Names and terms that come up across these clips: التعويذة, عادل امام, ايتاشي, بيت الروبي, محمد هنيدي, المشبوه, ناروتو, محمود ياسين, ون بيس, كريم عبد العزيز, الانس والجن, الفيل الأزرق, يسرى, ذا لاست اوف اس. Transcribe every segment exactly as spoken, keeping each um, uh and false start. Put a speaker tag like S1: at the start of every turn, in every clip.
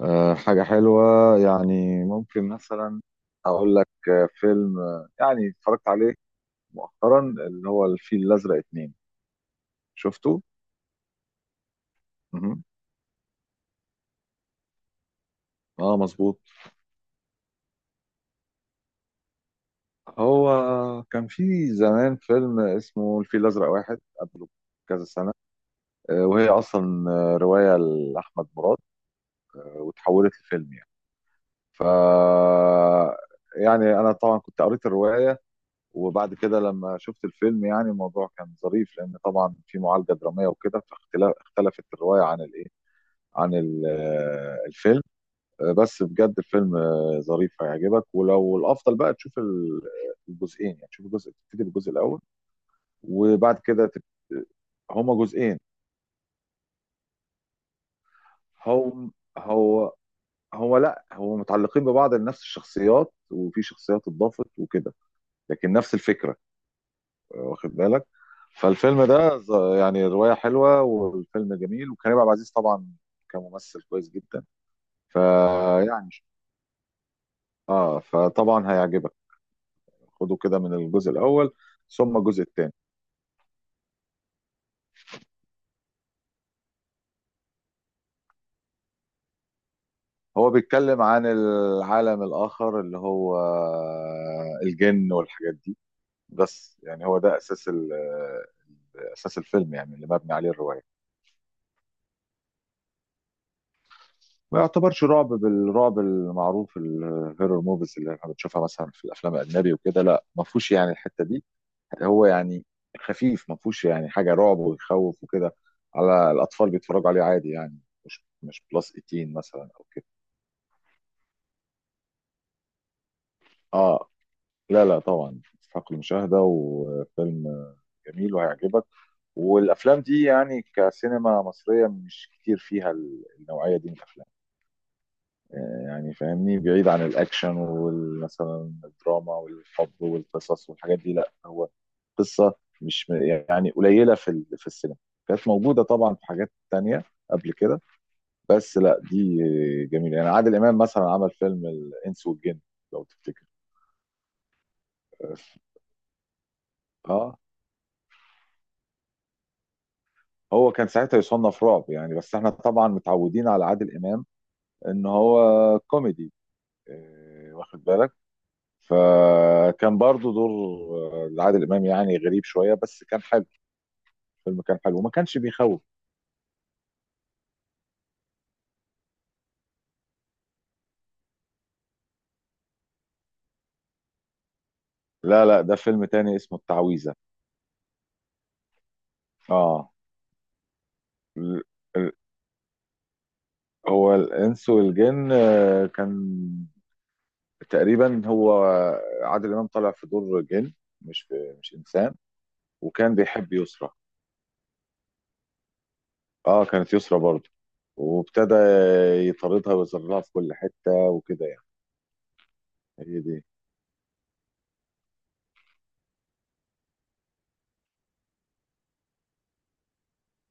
S1: آه، حاجة حلوة. يعني ممكن مثلا أقول لك آه، فيلم آه، يعني اتفرجت عليه مؤخرا، اللي هو الفيل الأزرق اتنين. شفته؟ مهم. اه، مظبوط. هو كان في زمان فيلم اسمه الفيل الأزرق واحد قبله كذا سنة. آه، وهي أصلا آه، رواية لأحمد مراد، آه، وتحولت لفيلم يعني. ف يعني أنا طبعا كنت قريت الرواية، وبعد كده لما شفت الفيلم يعني الموضوع كان ظريف لان طبعا في معالجه دراميه وكده، فاختلف اختلفت الروايه عن الايه عن ال- آه، الفيلم. آه، بس بجد الفيلم آه، ظريف هيعجبك، ولو الافضل بقى تشوف ال- الجزئين. يعني تشوف الجزء تبتدي بالجزء الاول وبعد كده تبت- هما جزئين. هم هو هو لا، هو متعلقين ببعض لنفس الشخصيات، وفي شخصيات اتضافت وكده. لكن نفس الفكره، واخد بالك؟ فالفيلم ده ز- يعني رواية حلوة والفيلم جميل، وكريم عبد العزيز طبعا كممثل كويس جدا. فيعني اه فطبعا هيعجبك. خده كده من الجزء الأول ثم الجزء الثاني. هو بيتكلم عن العالم الآخر اللي هو الجن والحاجات دي. بس يعني هو ده أساس ال- أساس الفيلم، يعني اللي مبني عليه الرواية. ما يعتبرش رعب بالرعب المعروف الهيرور موفيز اللي احنا بنشوفها مثلا في الافلام الاجنبي وكده، لا، ما فيهوش يعني الحته دي. هو يعني خفيف، ما فيهوش يعني حاجه رعب ويخوف وكده، على الاطفال بيتفرجوا عليه عادي يعني. مش مش بلس ثمانية عشر مثلا او كده. اه، لا لا، طبعا يستحق المشاهده وفيلم جميل وهيعجبك. والافلام دي يعني كسينما مصريه مش كتير فيها النوعيه دي من الافلام. آه، يعني فاهمني، بعيد عن الاكشن ومثلا الدراما والحب والقصص والحاجات دي. لا هو قصه مش م- يعني قليله في ال- في السينما. كانت موجوده طبعا في حاجات تانية قبل كده، بس لا، دي جميله. يعني عادل امام مثلا عمل فيلم الانس والجن لو تفتكر. اه، هو كان ساعتها يصنف رعب يعني، بس احنا طبعا متعودين على عادل امام ان هو كوميدي، آه، واخد بالك. فكان برضو دور آه، لعادل امام يعني غريب شويه بس كان حلو. الفيلم كان حلو وما كانش بيخوف. لا لا، ده فيلم تاني اسمه التعويذه. اه، ال- ال- هو الانس والجن آه، كان تقريبا هو عادل امام طالع في دور جن، مش في مش انسان. وكان بيحب يسرى. اه، كانت يسرى برضو. وابتدى يطاردها ويزرها في كل حته وكده يعني. هي دي.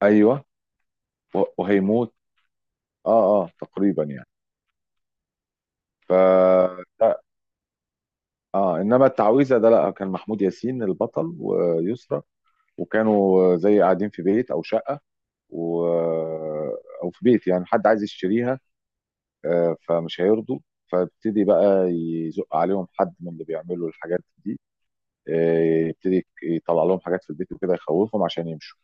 S1: ايوه. و- وهيموت. اه اه تقريبا يعني. ف اه انما التعويذه ده لا، كان محمود ياسين البطل ويسرى. وكانوا زي قاعدين في بيت او شقه، و... آه، او في بيت يعني حد عايز يشتريها، آه، فمش هيرضوا. فابتدي بقى يزق عليهم حد من اللي بيعملوا الحاجات دي، آه، يبتدي يطلع لهم حاجات في البيت وكده يخوفهم عشان يمشوا.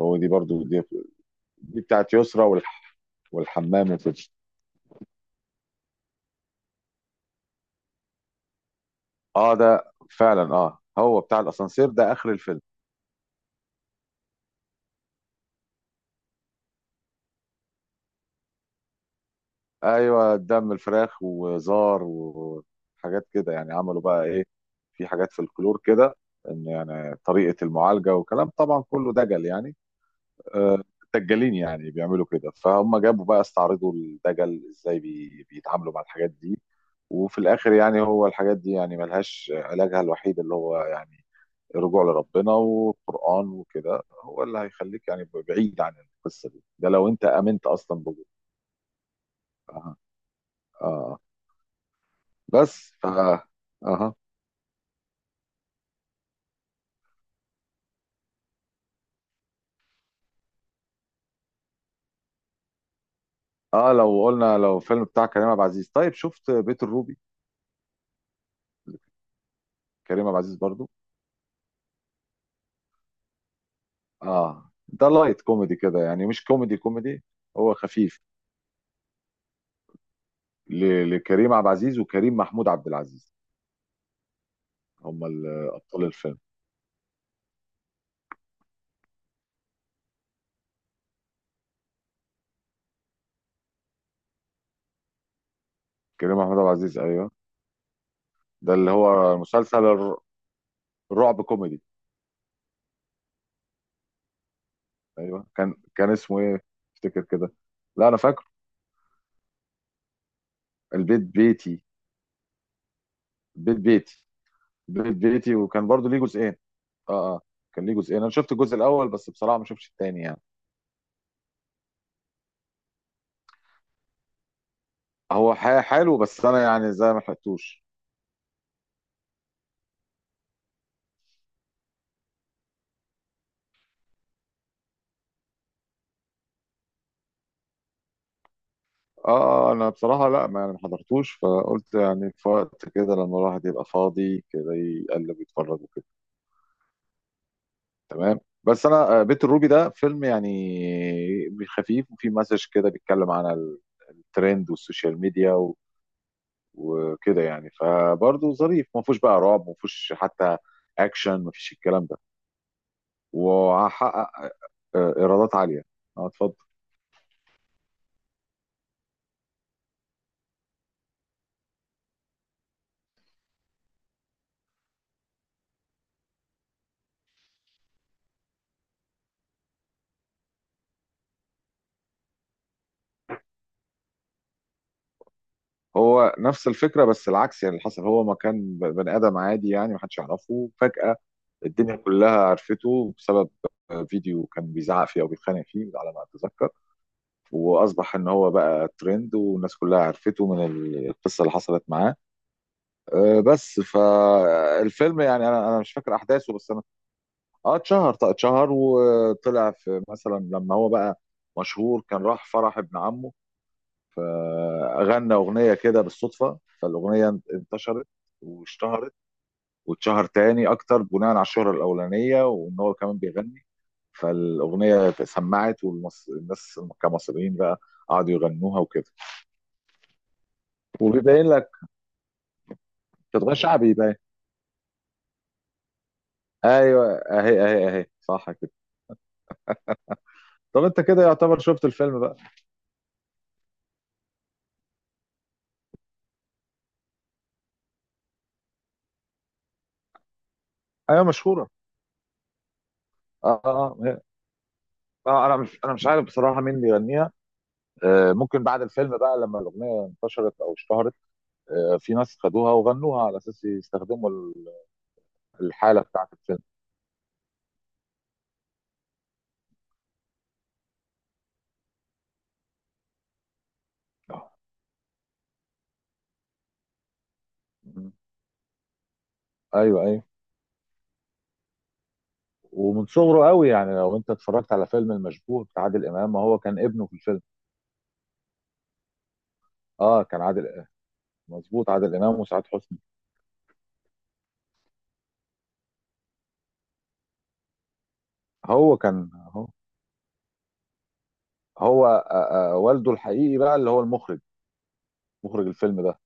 S1: هو دي برضو دي, دي بتاعت يسرى والح... والحمام وكده. اه، ده فعلا. اه، هو بتاع الاسانسير ده اخر الفيلم. ايوه، دم الفراخ وزار وحاجات كده يعني، عملوا بقى ايه، في حاجات في الكلور كده، ان يعني طريقه المعالجه وكلام طبعا كله دجل يعني. آه، دجالين يعني بيعملوا كده، فهم جابوا بقى استعرضوا الدجل ازاي بي- بيتعاملوا مع الحاجات دي. وفي الاخر يعني هو الحاجات دي يعني ملهاش علاجها الوحيد اللي هو يعني الرجوع لربنا والقرآن وكده، هو اللي هيخليك يعني بعيد عن القصة دي، ده لو انت آمنت اصلا بوجود. اه اه. بس ف اها. اه، لو قلنا لو فيلم بتاع كريم عبد العزيز، طيب شفت بيت الروبي؟ كريم عبد العزيز برضو. اه، ده لايت كوميدي كده يعني، مش كوميدي كوميدي. هو خفيف. ل- لكريم عبد العزيز وكريم محمود عبد العزيز هم ال- ابطال الفيلم. كريم محمود عبد العزيز ايوه. ده اللي هو مسلسل الر- الرعب كوميدي. ايوه، كان كان اسمه ايه، افتكر كده. لا انا فاكره. البيت بيتي بيت بيتي. بيت بيتي، وكان برضو ليه جزئين. اه اه، كان ليه جزئين. انا شفت الجزء الاول بس بصراحه ما شفتش التاني يعني. هو ح- حلو، بس انا يعني زي ما لحقتوش. اه، آه، آه، انا بصراحه، لا، ما يعني ما حضرتوش، فقلت يعني في وقت كده لما الواحد يبقى فاضي كده يقلب يتفرج وكده. تمام. بس انا آه، بيت الروبي ده فيلم يعني خفيف، وفيه مسج كده بيتكلم عن ال- الترند والسوشيال ميديا و- وكده يعني. فبرضه ظريف، ما فيهوش بقى رعب، ما فيهوش حتى اكشن، ما فيش الكلام ده. وهحقق آه، ايرادات عاليه. اه، اتفضل. هو نفس الفكره بس العكس، يعني اللي حصل هو ما كان ب- بني ادم عادي يعني ما حدش يعرفه. فجاه الدنيا كلها عرفته بسبب آه، فيديو كان بيزعق فيه او بيتخانق فيه على ما اتذكر. واصبح ان هو بقى ترند، والناس كلها عرفته من ال- القصه اللي حصلت معاه. آه، بس فالفيلم يعني انا انا مش فاكر احداثه، بس انا. اه، اتشهر. طيب اتشهر وطلع في، مثلا لما هو بقى مشهور كان راح فرح ابن عمه، غنى اغنيه كده بالصدفه، فالاغنيه انتشرت واشتهرت، واتشهر تاني اكتر بناء على الشهره الاولانيه، وان هو كمان بيغني. فالاغنيه سمعت والناس كمصريين بقى قعدوا يغنوها وكده. وبيبين لك تبقى شعبي يبين. ايوه، اهي اهي اهي، صح كده. طب انت كده يعتبر شفت الفيلم بقى. ايوه مشهوره. اه اه. آه. آه، انا مش انا مش عارف بصراحه مين بيغنيها. آه ممكن بعد الفيلم بقى لما الاغنيه انتشرت او اشتهرت، آه، في ناس خدوها وغنوها على اساس يستخدموا ال- الحاله بتاعت الفيلم. آه. مم. ايوه ايوه. ومن صغره قوي، يعني لو انت اتفرجت على فيلم المشبوه بتاع عادل امام ما هو كان ابنه في الفيلم. اه، كان عادل، مظبوط، عادل امام وسعاد حسني. هو كان هو, هو آه، آه، والده الحقيقي بقى اللي هو المخرج، مخرج الفيلم ده.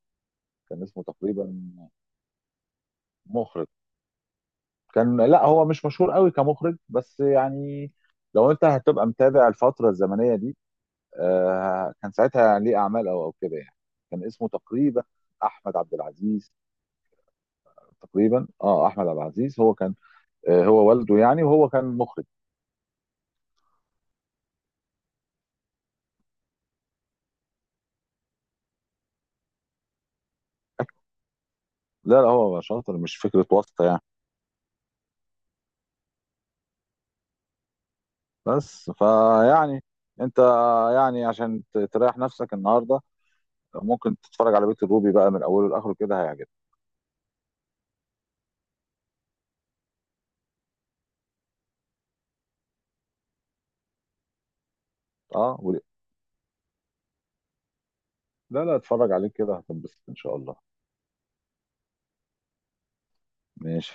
S1: كان اسمه تقريبا مخرج، كان لا هو مش مشهور قوي كمخرج، بس يعني لو انت هتبقى متابع الفتره الزمنيه دي، آه، كان ساعتها ليه اعمال او او كده يعني. كان اسمه تقريبا احمد عبد العزيز، تقريبا. اه، احمد عبد العزيز هو كان، آه، هو والده يعني وهو كان مخرج. لا لا، هو شاطر مش فكره واسطه يعني. بس فيعني انت يعني عشان ت- تريح نفسك النهارده، ممكن تتفرج على بيت الروبي بقى من اوله لاخره، كده هيعجبك. اه، وليه؟ لا لا، اتفرج عليه كده هتنبسط ان شاء الله. ماشي.